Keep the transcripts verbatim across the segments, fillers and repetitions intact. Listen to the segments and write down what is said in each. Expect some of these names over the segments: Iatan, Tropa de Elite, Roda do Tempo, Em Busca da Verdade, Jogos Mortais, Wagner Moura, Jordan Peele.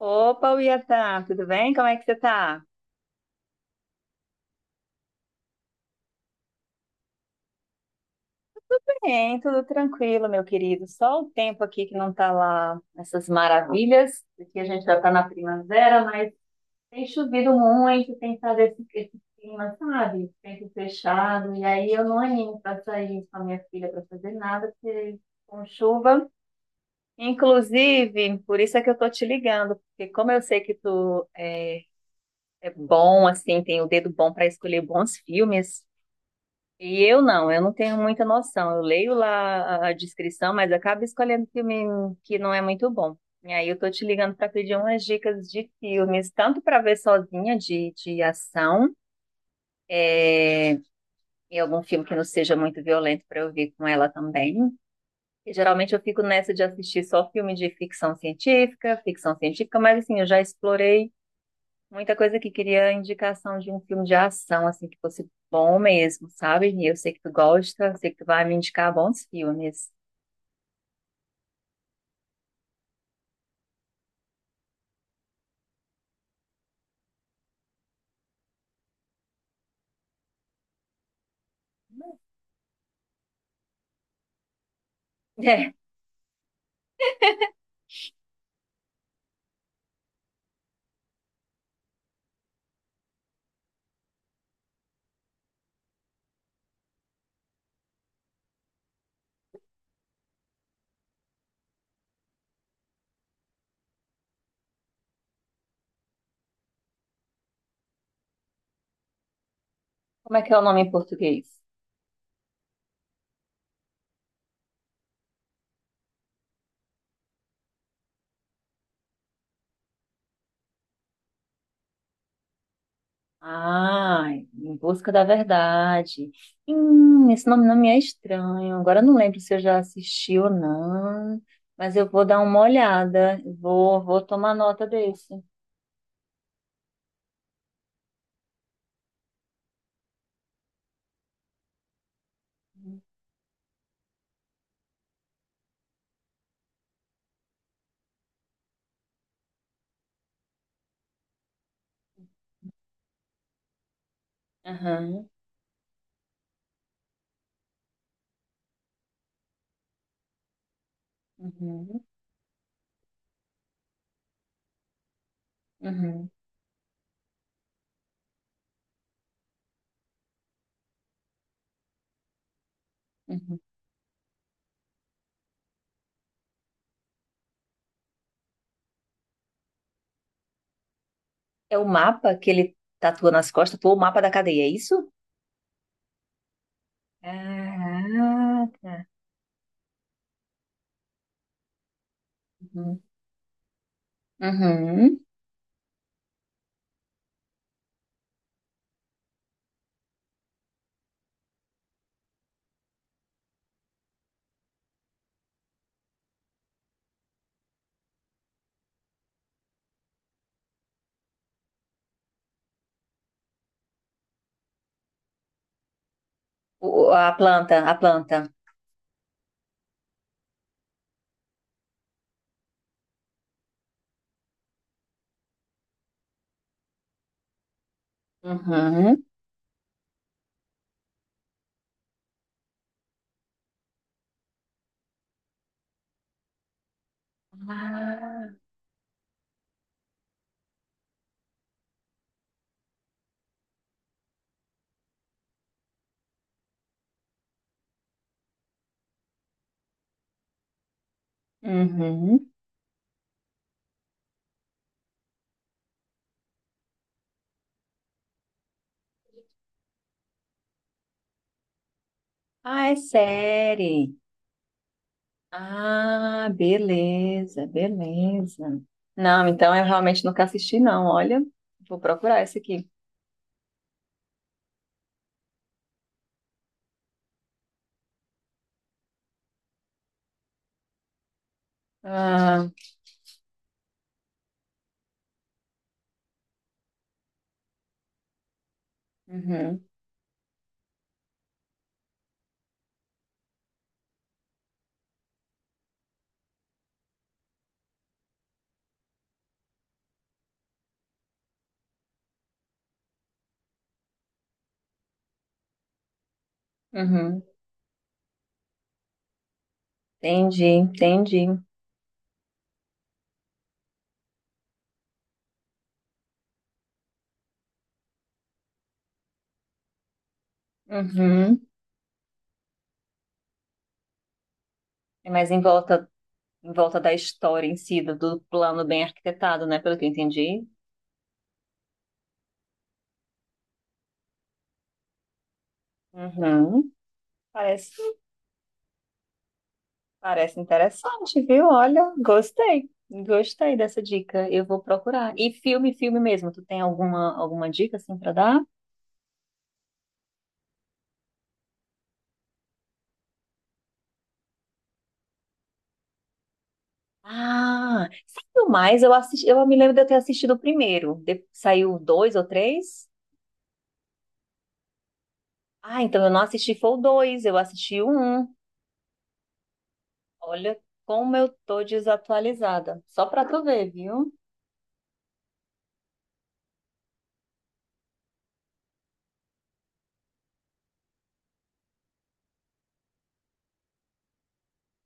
Opa, Iatan, tudo bem? Como é que você tá? Bem, tudo tranquilo, meu querido. Só o tempo aqui que não tá lá essas maravilhas. Aqui a gente já tá na primavera, mas tem chovido muito, tem estado esse, esse clima, sabe? Tempo fechado. E aí eu não animo pra sair com a minha filha pra fazer nada, porque com chuva. Inclusive, por isso é que eu tô te ligando, porque como eu sei que tu é, é bom, assim, tem o dedo bom para escolher bons filmes. E eu não, eu não tenho muita noção. Eu leio lá a a descrição, mas acabo escolhendo filme que não é muito bom. E aí eu tô te ligando para pedir umas dicas de filmes, tanto para ver sozinha de, de ação, é, e algum filme que não seja muito violento para eu ver com ela também. E geralmente eu fico nessa de assistir só filme de ficção científica, ficção científica, mas assim, eu já explorei muita coisa que queria indicação de um filme de ação, assim, que fosse bom mesmo, sabe? E eu sei que tu gosta, sei que tu vai me indicar bons filmes. É, como é que é o nome em português? Ah, Em Busca da Verdade. Hum, esse nome não me é estranho. Agora eu não lembro se eu já assisti ou não, mas eu vou dar uma olhada. Vou, vou tomar nota desse. Aham, uhum, uhum, uhum. É o mapa que ele tatua nas costas, pô, o mapa da cadeia, é isso? Caraca. Uhum. Uhum. O- A planta, a planta. Uhum. Ah, uhum. Ah, é série. Ah, beleza, beleza. Não, então eu realmente nunca assisti, não. Olha, vou procurar esse aqui. Ah, uhum, uhum. Entendi, entendi. Uhum. É mais em volta, em volta da história em si, do, do plano bem arquitetado, né? Pelo que eu entendi. Uhum. Parece. Parece interessante, viu? Olha, gostei. Gostei dessa dica. Eu vou procurar. E filme, filme mesmo. Tu tem alguma, alguma dica assim pra dar? Ah, saiu mais. Eu assisti, eu me lembro de eu ter assistido o primeiro. De- saiu dois ou três? Ah, então eu não assisti foi o dois, eu assisti o um. Olha como eu tô desatualizada. Só pra tu ver, viu?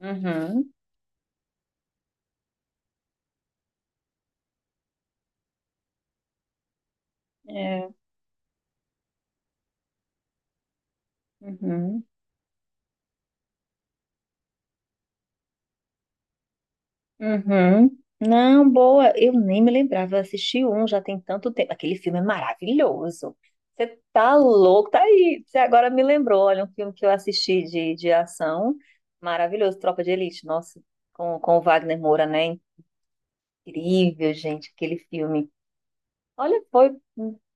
Uhum. É. Uhum. Uhum. Não, boa. Eu nem me lembrava. Eu assisti um já tem tanto tempo. Aquele filme é maravilhoso. Você tá louco? Tá aí. Você agora me lembrou. Olha, um filme que eu assisti de, de ação. Maravilhoso. Tropa de Elite. Nossa, com, com o Wagner Moura, né? Incrível, gente, aquele filme. Olha, foi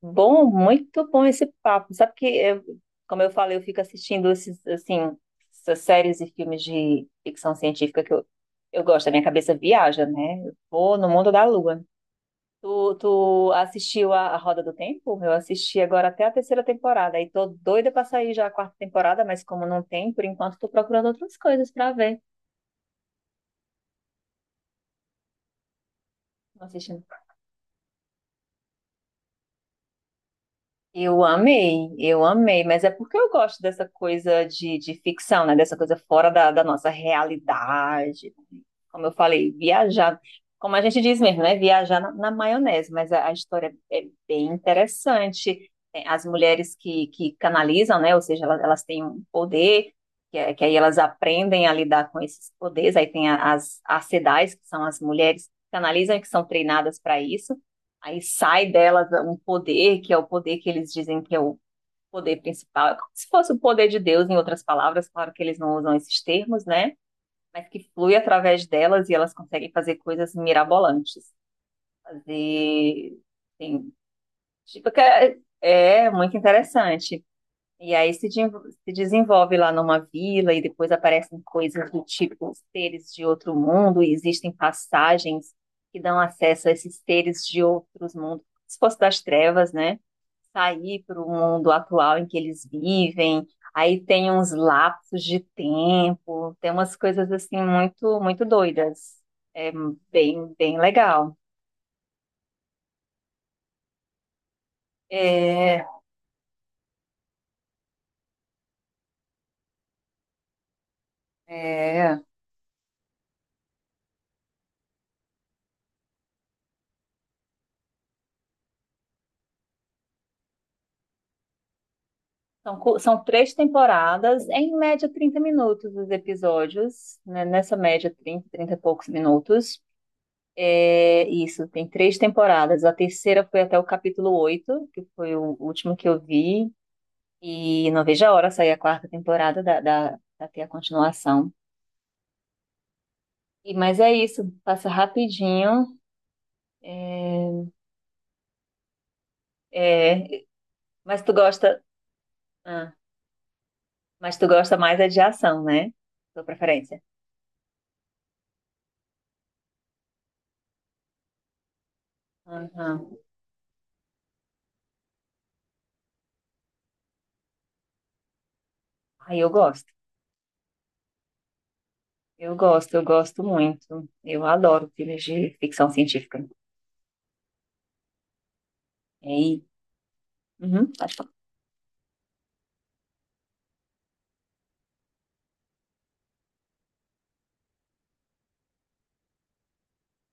bom, muito bom esse papo. Sabe que, eu- como eu falei, eu fico assistindo esses, assim, essas séries e filmes de ficção científica que eu, eu gosto. A minha cabeça viaja, né? Eu vou no mundo da lua. Tu, tu assistiu a, a Roda do Tempo? Eu assisti agora até a terceira temporada. E tô doida pra sair já a quarta temporada, mas como não tem, por enquanto tô procurando outras coisas pra ver. Não assistindo. Eu amei, eu amei, mas é porque eu gosto dessa coisa de, de ficção, né? Dessa coisa fora da, da nossa realidade. Como eu falei, viajar, como a gente diz mesmo, né? Viajar na, na maionese, mas a, a história é bem interessante. Tem as mulheres que, que canalizam, né? Ou seja, elas, elas têm um poder, que, é- que aí elas aprendem a lidar com esses poderes. Aí tem a- as, as sedais, que são as mulheres que canalizam e que são treinadas para isso. Aí sai delas um poder, que é o poder que eles dizem que é o poder principal. É como se fosse o poder de Deus, em outras palavras, claro que eles não usam esses termos, né? Mas que flui através delas e elas conseguem fazer coisas mirabolantes. Fazer. Assim, tipo, que é, é muito interessante. E aí se, de- se desenvolve lá numa vila e depois aparecem coisas do tipo seres de outro mundo e existem passagens que dão acesso a esses seres de outros mundos, como se fosse das trevas, né? Sair para o mundo atual em que eles vivem. Aí tem uns lapsos de tempo, tem umas coisas assim muito, muito doidas. É bem, bem legal. É, é. São, cu- são três temporadas, em média trinta minutos os episódios, né? Nessa média trinta trinta e poucos minutos. É isso, tem três temporadas. A terceira foi até o capítulo oito que foi o último que eu vi, e não vejo a hora sair a quarta temporada da, da, pra ter a continuação. E, mas é isso, passa rapidinho. É, é, mas tu gosta, ah, mas tu gosta mais é de ação, né? Tua preferência. Aham. Aí eu gosto. Eu gosto, eu gosto muito. Eu adoro filmes de ficção científica. E, uhum, pode falar.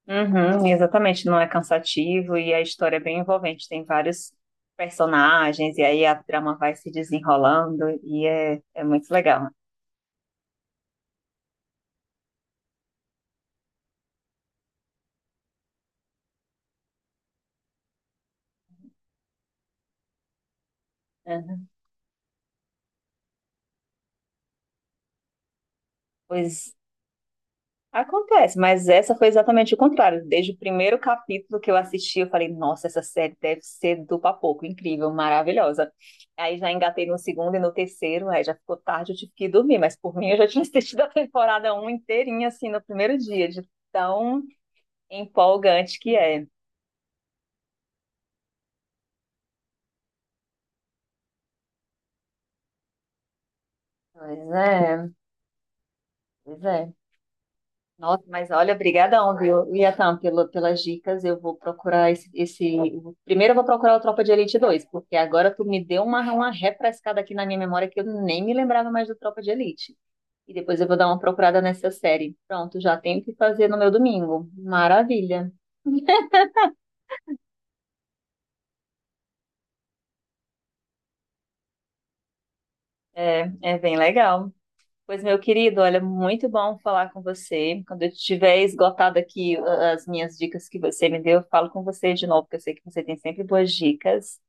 Uhum, exatamente, não é cansativo e a história é bem envolvente. Tem vários personagens e aí a trama vai se desenrolando e é, é muito legal. Uhum. Pois acontece, mas essa foi exatamente o contrário. Desde o primeiro capítulo que eu assisti, eu falei, nossa, essa série deve ser do papoco, incrível, maravilhosa. Aí já engatei no segundo e no terceiro, aí já ficou tarde, eu tive que ir dormir, mas por mim eu já tinha assistido a temporada um inteirinha, assim, no primeiro dia, de tão empolgante que é. Pois é, pois é. Nossa, mas olha, obrigadão, viu, Liatan, pelo, pelas dicas. Eu vou procurar esse, esse. Primeiro eu vou procurar o Tropa de Elite dois, porque agora tu me deu uma, uma refrescada aqui na minha memória que eu nem me lembrava mais do Tropa de Elite. E depois eu vou dar uma procurada nessa série. Pronto, já tenho o que fazer no meu domingo. Maravilha. É, é bem legal. Pois, meu querido, olha, muito bom falar com você. Quando eu tiver esgotado aqui ah, as minhas dicas que você me deu, eu falo com você de novo, porque eu sei que você tem sempre boas dicas.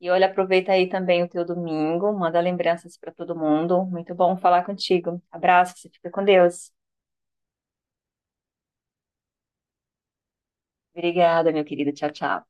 E olha, aproveita aí também o teu domingo, manda lembranças para todo mundo. Muito bom falar contigo. Abraço, você fica com Deus. Obrigada, meu querido. Tchau, tchau.